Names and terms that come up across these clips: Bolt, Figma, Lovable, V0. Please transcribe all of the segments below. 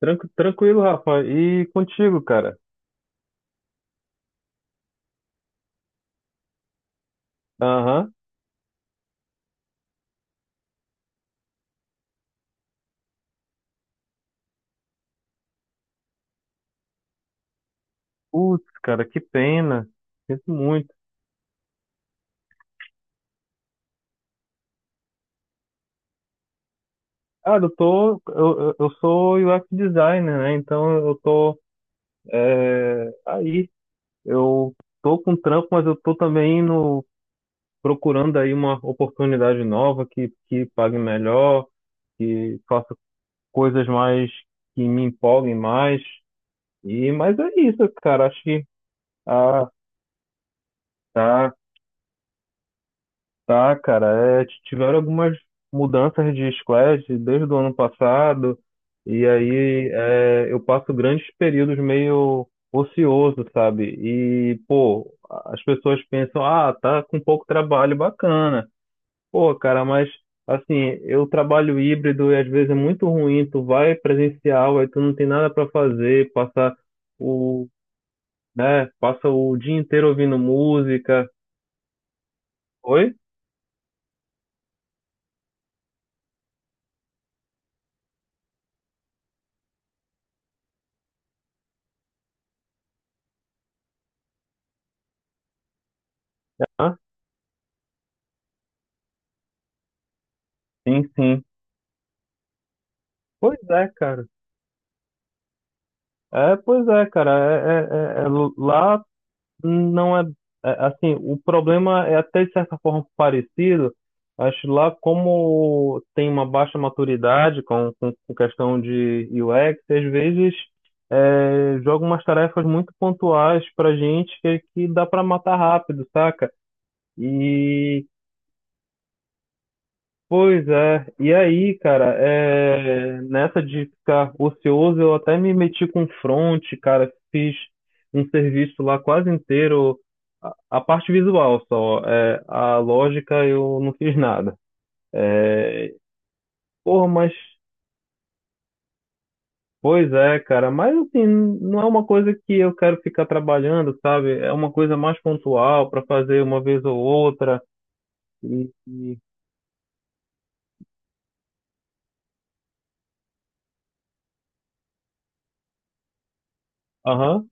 Tranquilo, Rafa. E contigo, cara? Aham. Putz, cara, que pena. Sinto muito. Cara, eu tô. Eu sou UX designer, né? Então eu tô. É, aí. Eu tô com trampo, mas eu tô também no, procurando aí uma oportunidade nova que pague melhor, que faça coisas mais. Que me empolguem mais. E, mas é isso, cara. Acho que. Ah, tá. Tá, cara, é, tiveram algumas mudanças de squad desde o ano passado, e aí é, eu passo grandes períodos meio ocioso, sabe? E, pô, as pessoas pensam, ah, tá com pouco trabalho, bacana. Pô, cara, mas assim, eu trabalho híbrido e às vezes é muito ruim, tu vai presencial, aí tu não tem nada pra fazer, o, né, passa o dia inteiro ouvindo música. Oi? Ah, sim, sim. Pois é, cara. É, pois é, cara. É, lá não é, é, assim. O problema é até de certa forma parecido. Acho lá como tem uma baixa maturidade com questão de UX, às vezes é, joga umas tarefas muito pontuais pra gente que dá pra matar rápido, saca? E pois é, e aí, cara, é, nessa de ficar ocioso, eu até me meti com front, cara, fiz um serviço lá quase inteiro, a parte visual só, é, a lógica eu não fiz nada. É, porra, mas, pois é, cara, mas assim, não é uma coisa que eu quero ficar trabalhando, sabe? É uma coisa mais pontual para fazer uma vez ou outra, e aham.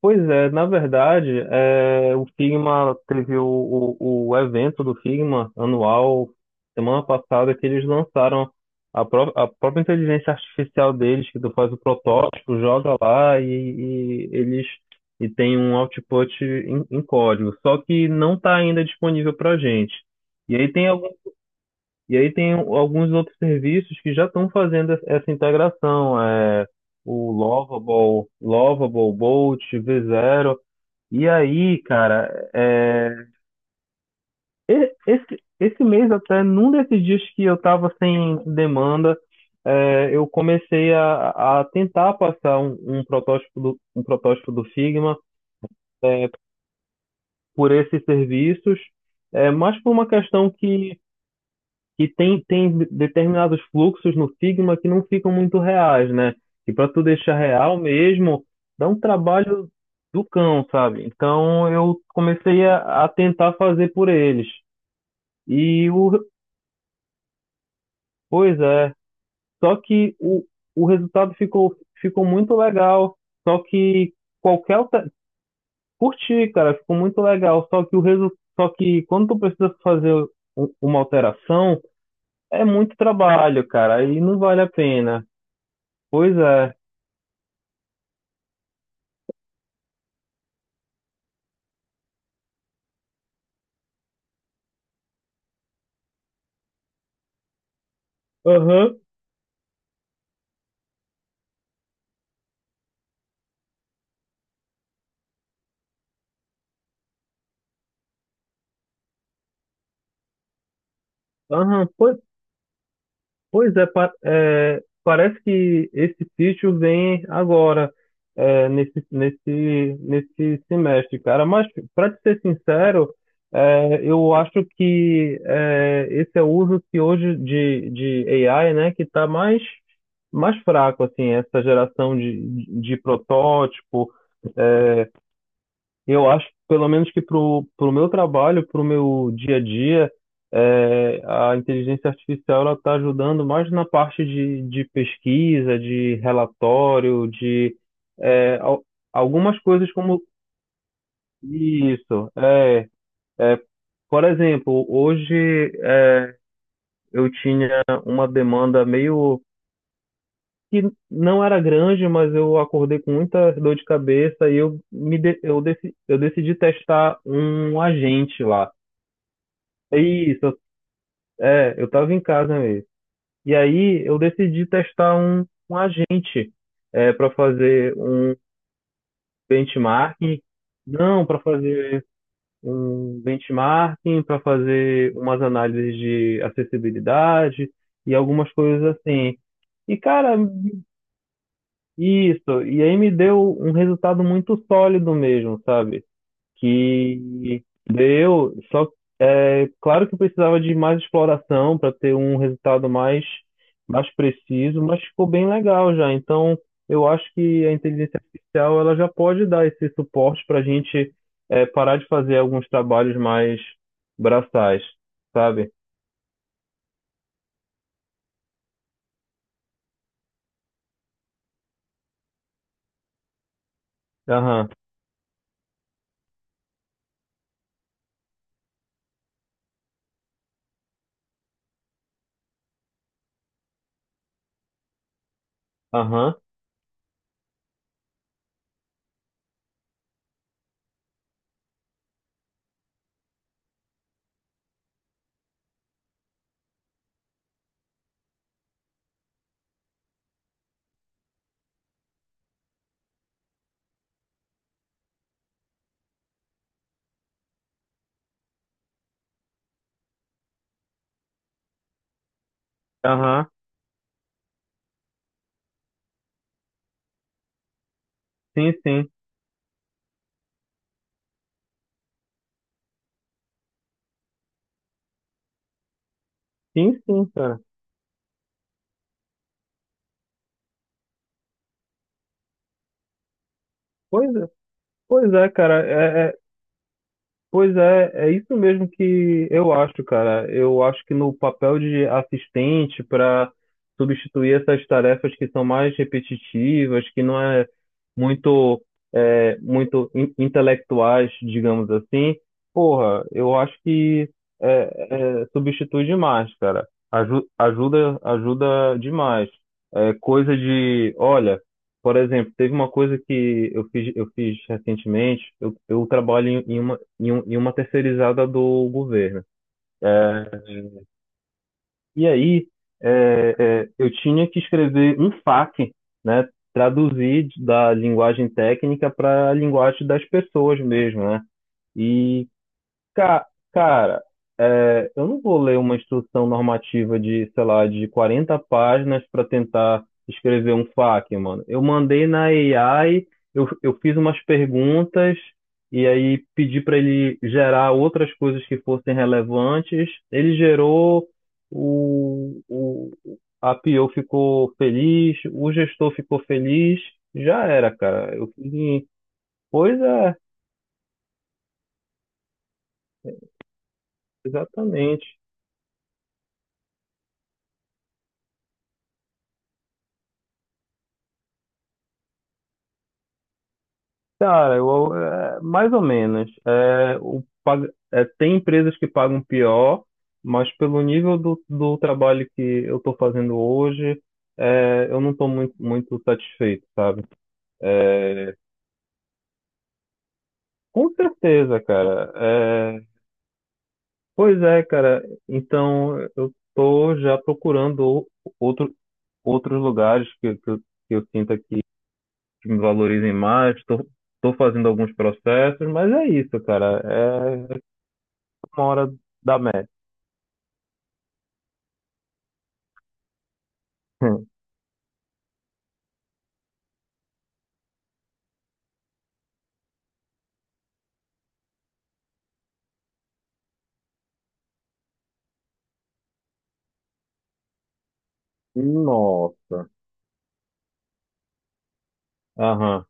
Pois é, na verdade, é, o Figma teve o evento do Figma anual semana passada que eles lançaram a própria inteligência artificial deles, que tu faz o protótipo, joga lá e eles e tem um output em código. Só que não está ainda disponível para gente. E aí tem e aí tem um, alguns outros serviços que já estão fazendo essa integração, é, o Lovable, Bolt, V0. E aí, cara, é, esse mês até, num desses dias que eu estava sem demanda, é, eu comecei a tentar passar um protótipo do Figma por esses serviços, é, mas por uma questão que tem determinados fluxos no Figma que não ficam muito reais, né? E para tu deixar real mesmo, dá um trabalho do cão, sabe? Então eu comecei a tentar fazer por eles. E o, pois é, só que o resultado ficou muito legal. Só que qualquer alter- Curti, cara, ficou muito legal. Só que quando tu precisa fazer uma alteração, é muito trabalho, cara, e não vale a pena. Pois é. Aham. Aham. Pois é, parece que esse sítio vem agora, é, nesse semestre, cara. Mas, para te ser sincero, é, eu acho que é, esse é o uso que hoje de AI, né, que está mais fraco, assim, essa geração de protótipo. É, eu acho, pelo menos que pro meu trabalho, pro meu dia a dia, é, a inteligência artificial ela está ajudando mais na parte de pesquisa, de relatório, de é, algumas coisas como isso. É, por exemplo, hoje é, eu tinha uma demanda meio que não era grande, mas eu acordei com muita dor de cabeça e eu me de- eu, deci- eu decidi testar um agente lá. Isso, eu tava em casa mesmo. E aí eu decidi testar um agente para fazer um benchmarking. Não, para fazer um benchmarking, para fazer umas análises de acessibilidade e algumas coisas assim. E cara, isso, e aí me deu um resultado muito sólido mesmo, sabe? Que deu, só é claro que precisava de mais exploração para ter um resultado mais preciso, mas ficou bem legal já. Então, eu acho que a inteligência artificial ela já pode dar esse suporte para a gente é, parar de fazer alguns trabalhos mais braçais, sabe? Aham, aham, aham. Sim, sim. Sim, sim, cara. Pois é, pois é, cara. É, pois é, é isso mesmo que eu acho, cara. Eu acho que no papel de assistente para substituir essas tarefas que são mais repetitivas, que não é muito, é, muito intelectuais, digamos assim, porra, eu acho que é, substitui demais, cara. Ajuda demais. É, coisa de, olha. Por exemplo, teve uma coisa que eu fiz recentemente. Eu trabalho em uma terceirizada do governo. É, e aí, é, é, eu tinha que escrever um FAQ, né? Traduzir da linguagem técnica para a linguagem das pessoas mesmo, né? Ca- Cara, é, eu não vou ler uma instrução normativa de, sei lá, de 40 páginas para tentar escrever um FAQ, mano. Eu mandei na AI, eu fiz umas perguntas e aí pedi para ele gerar outras coisas que fossem relevantes. Ele gerou, o, o, a PO ficou feliz, o gestor ficou feliz, já era, cara. Eu fiz em... Pois é, exatamente. Cara, eu, é, mais ou menos. É, tem empresas que pagam pior, mas pelo nível do trabalho que eu estou fazendo hoje, é, eu não estou muito satisfeito, sabe? É, com certeza, cara. É, pois é, cara. Então, eu estou já procurando outro, outros lugares que eu sinta que me valorizem mais. Estou fazendo alguns processos, mas é isso, cara. É, uma hora da média. Nossa. Aham.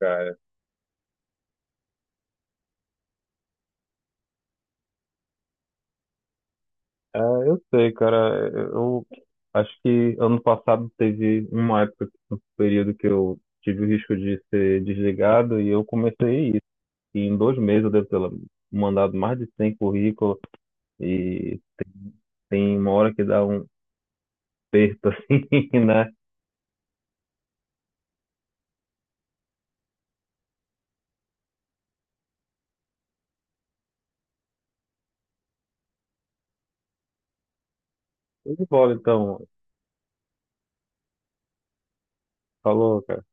Cara. É, eu sei, cara. Eu acho que ano passado teve uma época, um período que eu tive o risco de ser desligado e eu comecei isso. E em 2 meses eu devo ter mandado mais de 100 currículos e tem uma hora que dá um aperto assim, né? Eu de bola, então. Falou, cara.